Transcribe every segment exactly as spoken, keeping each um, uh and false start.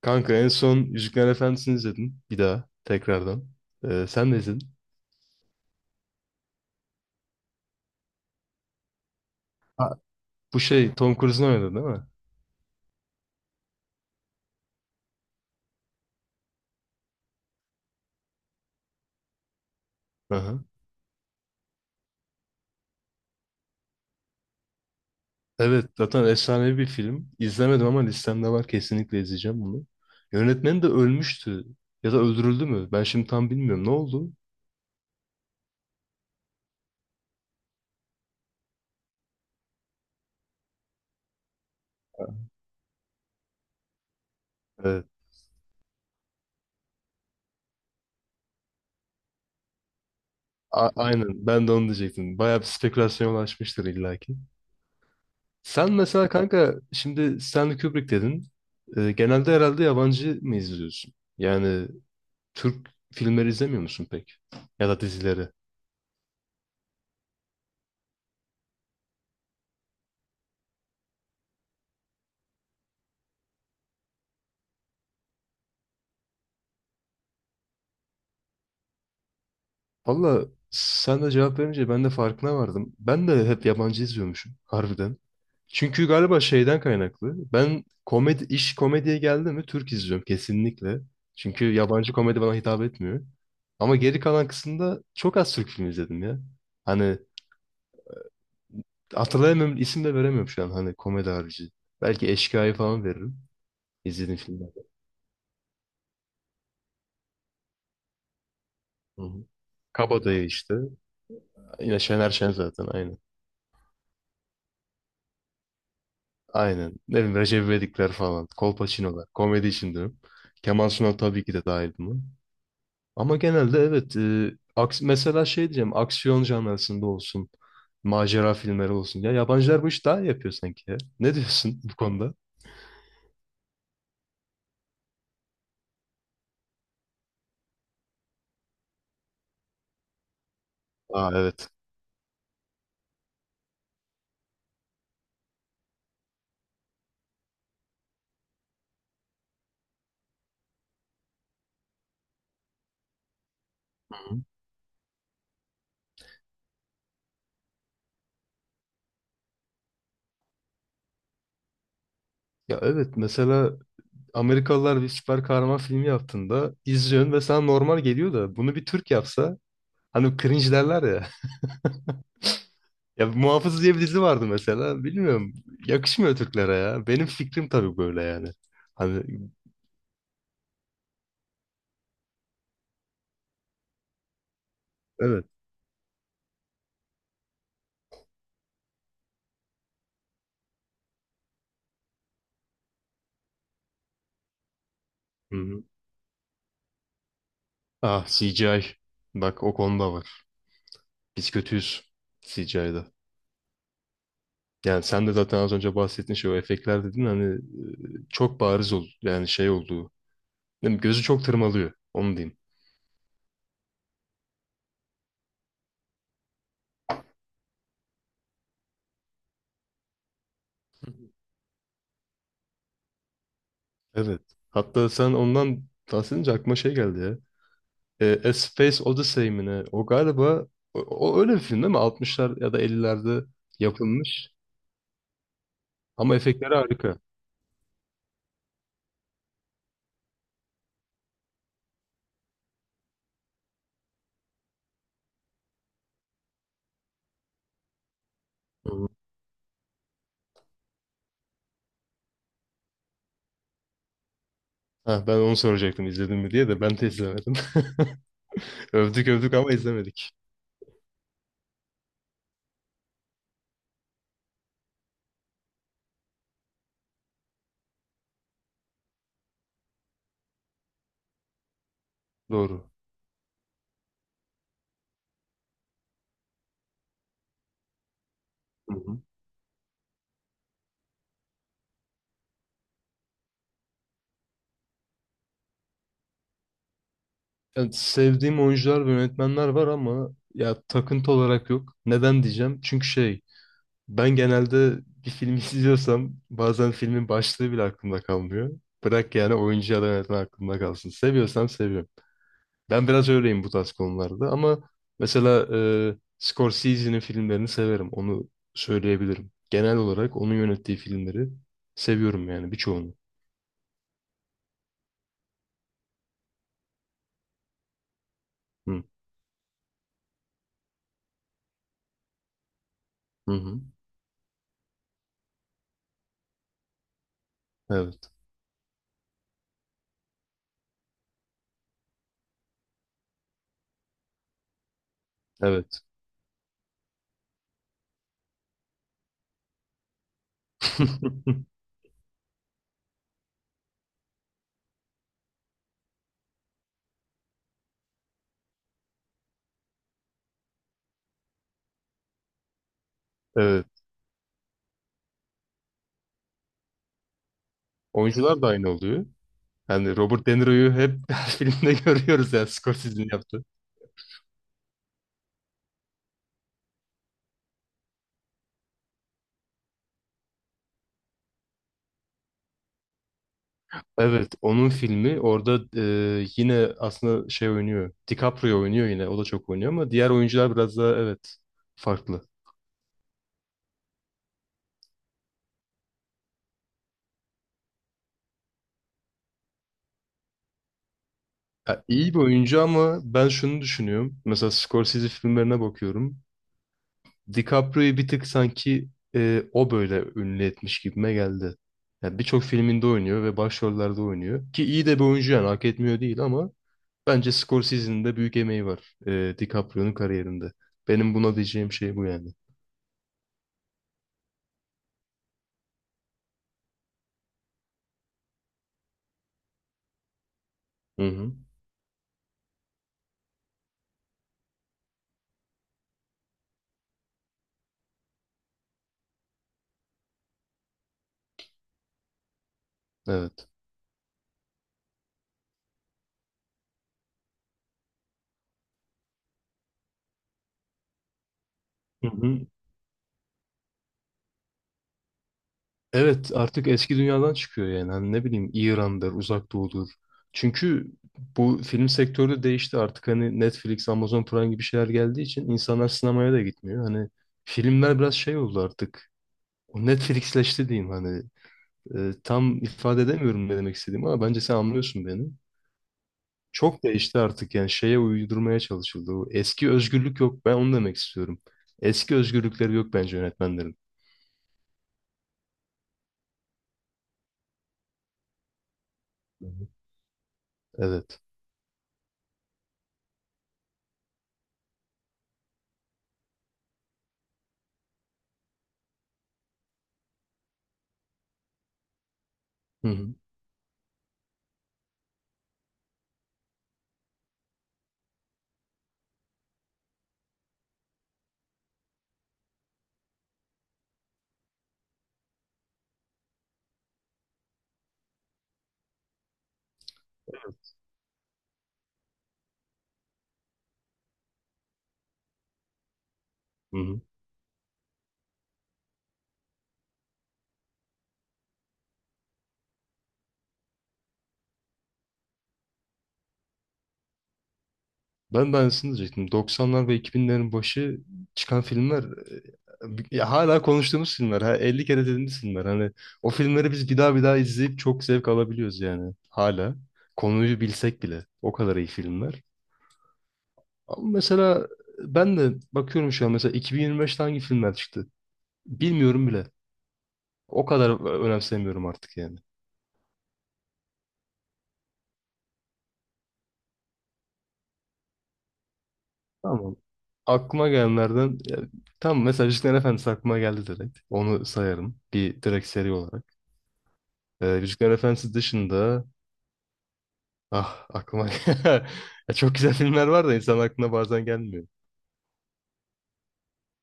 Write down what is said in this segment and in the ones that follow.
Kanka en son yüzükler Efendisi'ni izledim. Bir daha tekrardan. Ee, sen de izledin. Ha, bu şey Tom Cruise'un oynadı değil mi? Aha. Evet, zaten efsanevi bir film. İzlemedim ama listemde var, kesinlikle izleyeceğim bunu. Yönetmen de ölmüştü. Ya da öldürüldü mü? Ben şimdi tam bilmiyorum. Ne oldu? Evet. A- aynen, ben de onu diyecektim. Bayağı bir spekülasyona ulaşmıştır illaki. Sen mesela kanka şimdi Stanley Kubrick dedin. Ee, genelde herhalde yabancı mı izliyorsun? Yani Türk filmleri izlemiyor musun pek? Ya da dizileri? Valla, sen de cevap verince ben de farkına vardım. Ben de hep yabancı izliyormuşum harbiden. Çünkü galiba şeyden kaynaklı. Ben komedi, iş komediye geldi mi Türk izliyorum kesinlikle. Çünkü yabancı komedi bana hitap etmiyor. Ama geri kalan kısımda çok az Türk filmi izledim ya. Hani hatırlayamıyorum, isim de veremiyorum şu an hani komedi harici. Belki Eşkıya'yı falan veririm. İzlediğim filmlerden. Hı hı. Kabadayı işte. Yine Şener Şen zaten, aynen. Aynen. Ne bileyim Recep İvedikler falan. Kolpaçinolar. Komedi için diyorum. Kemal Sunal tabii ki de dahil buna. Ama genelde evet. e, aks Mesela şey diyeceğim. Aksiyon janrasında olsun. Macera filmleri olsun. Ya yabancılar bu işi daha iyi yapıyor sanki ya. Ne diyorsun bu konuda? Aa, evet. Hı. Ya evet, mesela Amerikalılar bir süper kahraman filmi yaptığında izliyorsun ve sana normal geliyor da, bunu bir Türk yapsa hani cringe derler ya. Ya Muhafız diye bir dizi vardı mesela. Bilmiyorum. Yakışmıyor Türklere ya. Benim fikrim tabii böyle, yani. Hani evet. Hı-hı. Ah, C G I. Bak, o konuda var. Biz kötüyüz C G I'da. Yani sen de zaten az önce bahsettin, şey, o efektler dedin hani, e, çok bariz oldu. Yani şey olduğu. Değil mi? Gözü çok tırmalıyor. Onu diyeyim. Evet. Hatta sen ondan bahsedince aklıma şey geldi ya. E, A Space Odyssey mi ne? O galiba o, o öyle bir film değil mi? Altmışlar ya da ellilerde yapılmış. Ama efektleri harika. Hı hı. Ha, ben onu soracaktım izledim mi diye, de ben de izlemedim. Övdük övdük ama izlemedik. Doğru. Hı hı. Yani sevdiğim oyuncular ve yönetmenler var ama ya takıntı olarak yok. Neden diyeceğim? Çünkü şey. Ben genelde bir film izliyorsam bazen filmin başlığı bile aklımda kalmıyor. Bırak yani oyuncu ya da yönetmen aklımda kalsın. Seviyorsam seviyorum. Ben biraz öyleyim bu tarz konularda ama mesela e, Scorsese'nin filmlerini severim. Onu söyleyebilirim. Genel olarak onun yönettiği filmleri seviyorum yani, birçoğunu. Hı hı. Hı. Evet. Evet. Evet. Oyuncular da aynı oluyor. Yani Robert De Niro'yu hep her filmde görüyoruz yani Scorsese'nin yaptığı. Evet, onun filmi orada e, yine aslında şey oynuyor. DiCaprio oynuyor yine. O da çok oynuyor ama diğer oyuncular biraz daha, evet, farklı. Ya, iyi bir oyuncu ama ben şunu düşünüyorum. Mesela Scorsese filmlerine bakıyorum. DiCaprio'yu bir tık sanki e, o böyle ünlü etmiş gibime geldi. Ya birçok filminde oynuyor ve başrollerde oynuyor. Ki iyi de bir oyuncu, yani hak etmiyor değil ama bence Scorsese'nin de büyük emeği var e, DiCaprio'nun kariyerinde. Benim buna diyeceğim şey bu yani. Hı hı. Evet. Hı hı. Evet, artık eski dünyadan çıkıyor yani. Hani ne bileyim İran'dır, Uzak Doğu'dur. Çünkü bu film sektörü de değişti artık, hani Netflix, Amazon Prime gibi şeyler geldiği için insanlar sinemaya da gitmiyor. Hani filmler biraz şey oldu artık. O Netflixleşti diyeyim hani. E, tam ifade edemiyorum ne demek istediğimi ama bence sen anlıyorsun beni. Çok değişti artık, yani şeye uydurmaya çalışıldı. O eski özgürlük yok, ben onu demek istiyorum. Eski özgürlükleri yok bence yönetmenlerin. Hı hı. Evet. Hı hı. Hı hı. Ben de aynısını diyecektim. doksanlar ve iki binlerin başı çıkan filmler, e, ya hala konuştuğumuz filmler. Ha, elli kere dediğimiz filmler. Hani o filmleri biz bir daha bir daha izleyip çok zevk alabiliyoruz yani. Hala. Konuyu bilsek bile. O kadar iyi filmler. Ama mesela ben de bakıyorum şu an, mesela iki bin yirmi beşte hangi filmler çıktı? Bilmiyorum bile. O kadar e, önemsemiyorum artık yani. Tamam. Aklıma gelenlerden ya, tam mesela Yüzüklerin Efendisi aklıma geldi direkt. Onu sayarım. Bir direkt seri olarak. Ee, Yüzükler Efendisi dışında, ah, aklıma ya, çok güzel filmler var da insan aklına bazen gelmiyor.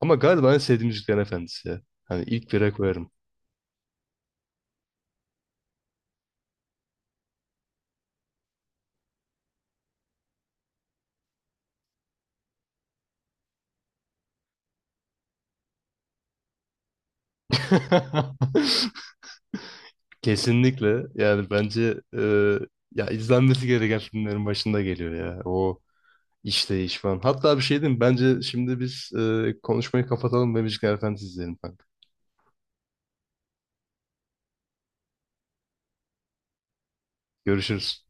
Ama galiba en sevdiğim Yüzükler Efendisi ya. Hani ilk bire koyarım. Kesinlikle, yani bence e, ya izlenmesi gereken filmlerin başında geliyor ya. O işleyiş falan. Hatta bir şey diyeyim mi? Bence şimdi biz e, konuşmayı kapatalım ve Müzikler Efendisi izleyelim kanka. Görüşürüz.